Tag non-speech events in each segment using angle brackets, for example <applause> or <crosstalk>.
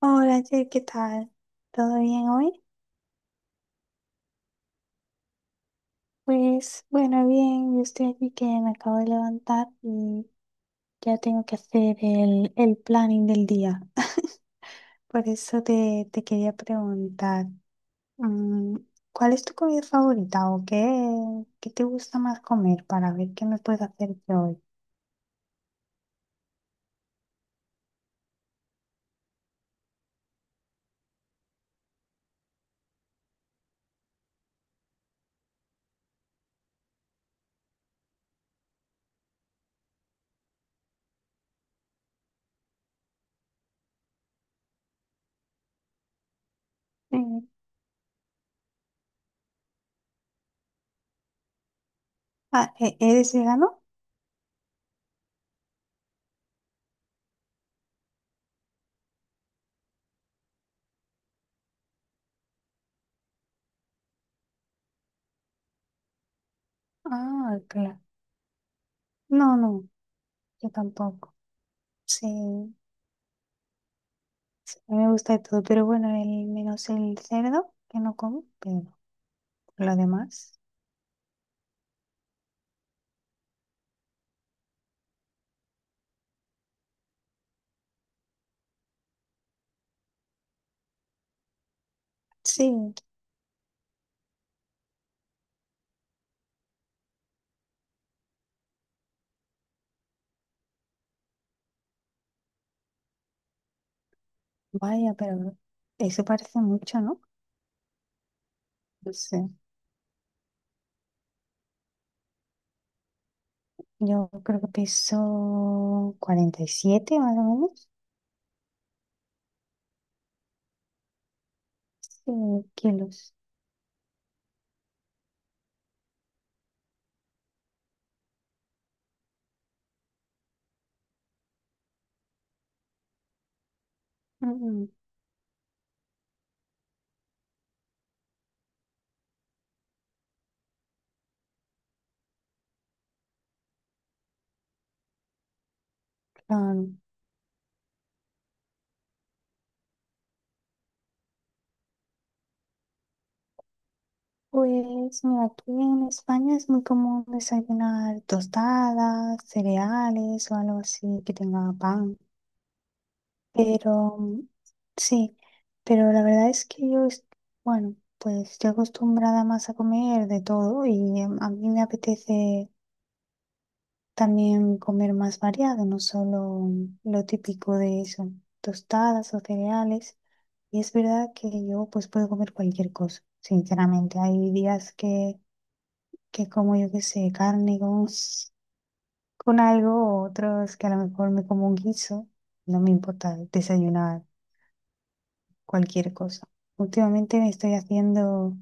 Hola, Jay, ¿qué tal? ¿Todo bien hoy? Pues bueno, bien, yo estoy aquí que me acabo de levantar y ya tengo que hacer el planning del día. <laughs> Por eso te quería preguntar, mm, ¿cuál es tu comida favorita o qué te gusta más comer para ver qué me puedes hacer yo hoy? Mm. Ah, ¿¿eres vegano? Ah, claro. No, no, yo tampoco. Sí. Me gusta de todo, pero bueno, el menos el cerdo, que no como, pero lo demás, sí, vaya, pero eso parece mucho, ¿no? No sé. Yo creo que peso 47 más o menos, sí, kilos. Mm, claro. Pues mira, aquí en España es muy común desayunar tostadas, cereales o algo así que tenga pan. Pero sí, pero la verdad es que bueno, pues estoy acostumbrada más a comer de todo y a mí me apetece también comer más variado, no solo lo típico de eso, tostadas o cereales. Y es verdad que yo pues puedo comer cualquier cosa, sinceramente. Hay días que como yo qué sé, carne con algo, otros que a lo mejor me como un guiso. No me importa desayunar cualquier cosa. Últimamente me estoy haciendo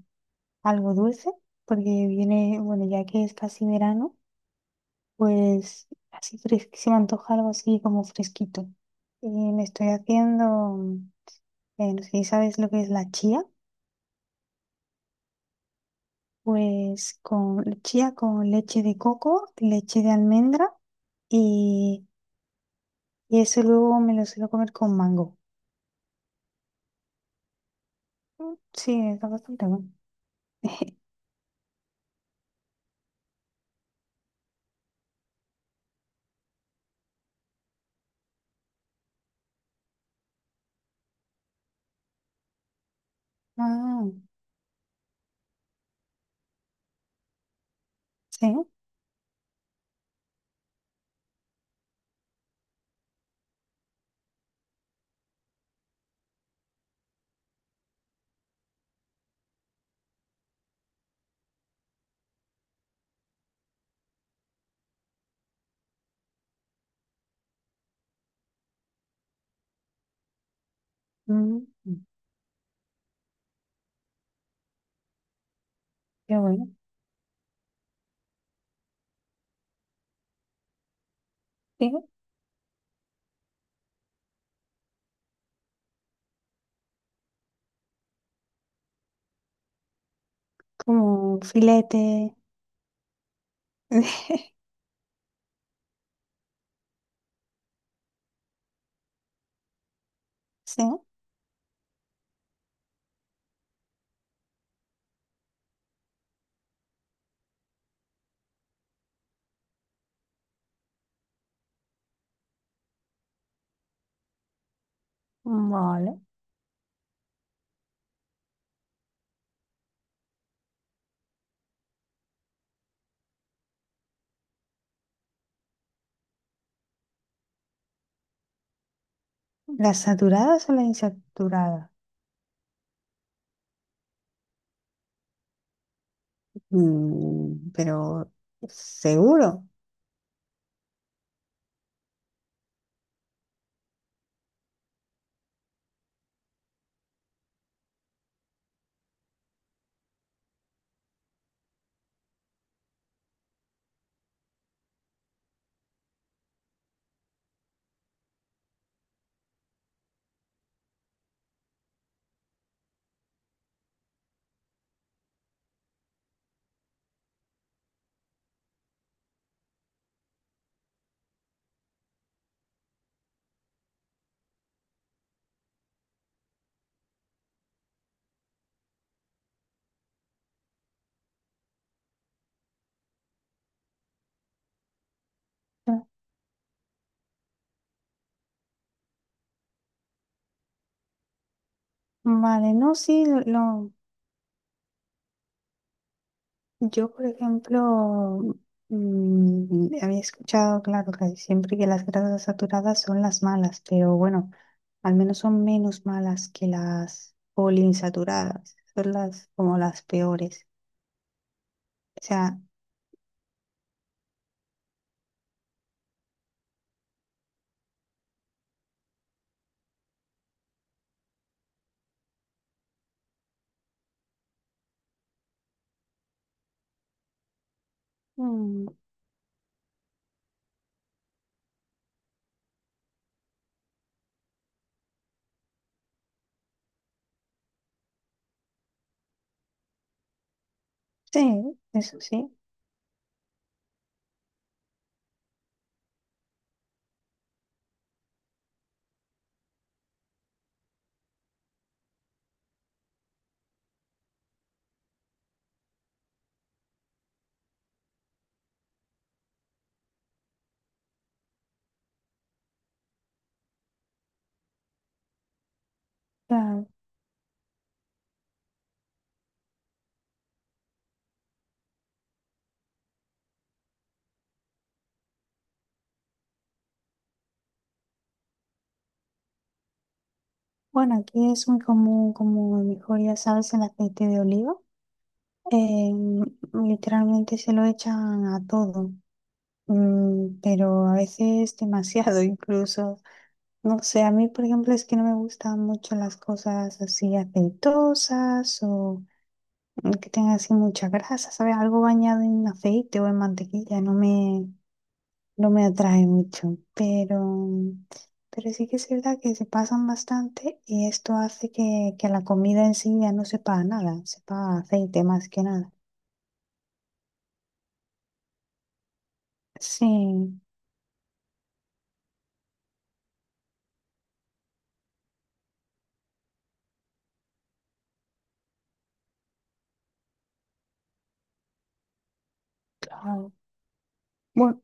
algo dulce porque viene, bueno, ya que es casi verano, pues así se me antoja algo así como fresquito. Y me estoy haciendo, no sé si sabes lo que es la chía, pues con chía con leche de coco, leche de almendra y, y eso luego me lo suelo comer con mango. Mm, sí, está bastante bueno. <laughs> Ah, sí. Mm, qué bueno. Sí. Como un filete. <laughs> Sí, vale. ¿Las saturadas o las insaturadas? Mm, pero seguro. Ah, vale, no, sí, yo por ejemplo había escuchado, claro, que siempre que las grasas saturadas son las malas, pero bueno, al menos son menos malas que las poliinsaturadas, son las como las peores. O sea, mm, sí, eso sí. Claro. Bueno, aquí es muy común, como a lo mejor ya sabes, el aceite de oliva. Eh, literalmente se lo echan a todo. Mm, pero a veces demasiado <laughs> incluso. No sé, a mí por ejemplo es que no me gustan mucho las cosas así aceitosas o que tengan así mucha grasa, ¿sabes? Algo bañado en aceite o en mantequilla, no me atrae mucho, pero sí que es verdad que se pasan bastante y esto hace que la comida en sí ya no sepa a nada, sepa a aceite más que nada. Sí, claro. Bueno,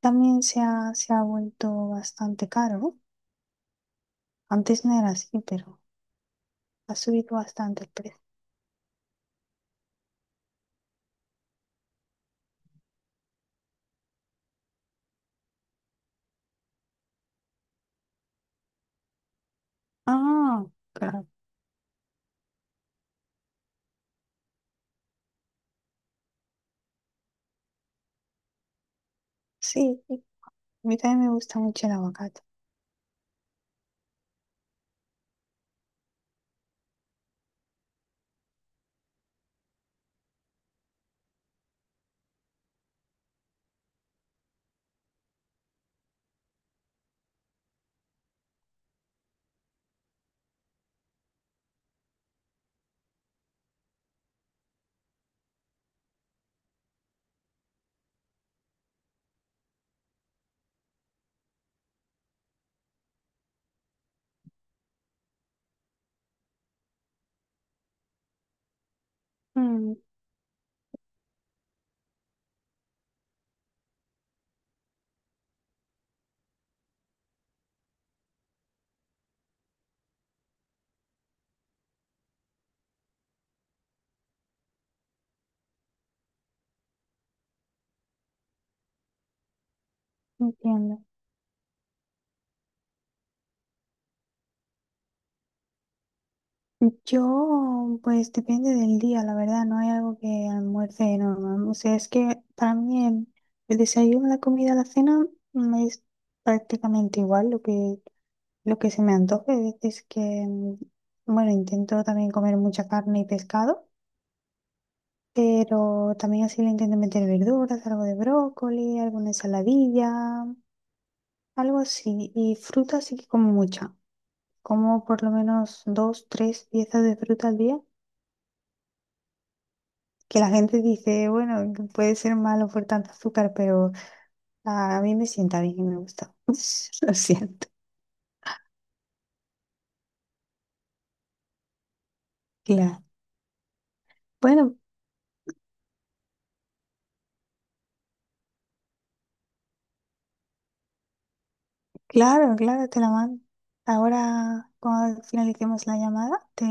también se ha vuelto bastante caro, ¿no? Antes no era así, pero ha subido bastante el precio. Ah, claro. Sí, a mí también me gusta mucho el aguacate. Mm, entiendo. Yo, pues depende del día, la verdad, no hay algo que almuerce normal. O sea, es que para mí el desayuno, la comida, la cena me es prácticamente igual lo que se me antoje. Hay veces que, bueno, intento también comer mucha carne y pescado, pero también así le intento meter verduras, algo de brócoli, alguna ensaladilla, algo así. Y fruta sí que como mucha. Como por lo menos dos, tres piezas de fruta al día. Que la gente dice, bueno, que puede ser malo por tanto azúcar, pero a mí me sienta bien y me gusta. <laughs> Lo siento. Claro. Bueno, claro, claro, te la mando. Ahora, cuando finalicemos la llamada, te,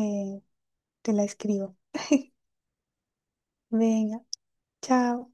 te la escribo. <laughs> Venga, chao.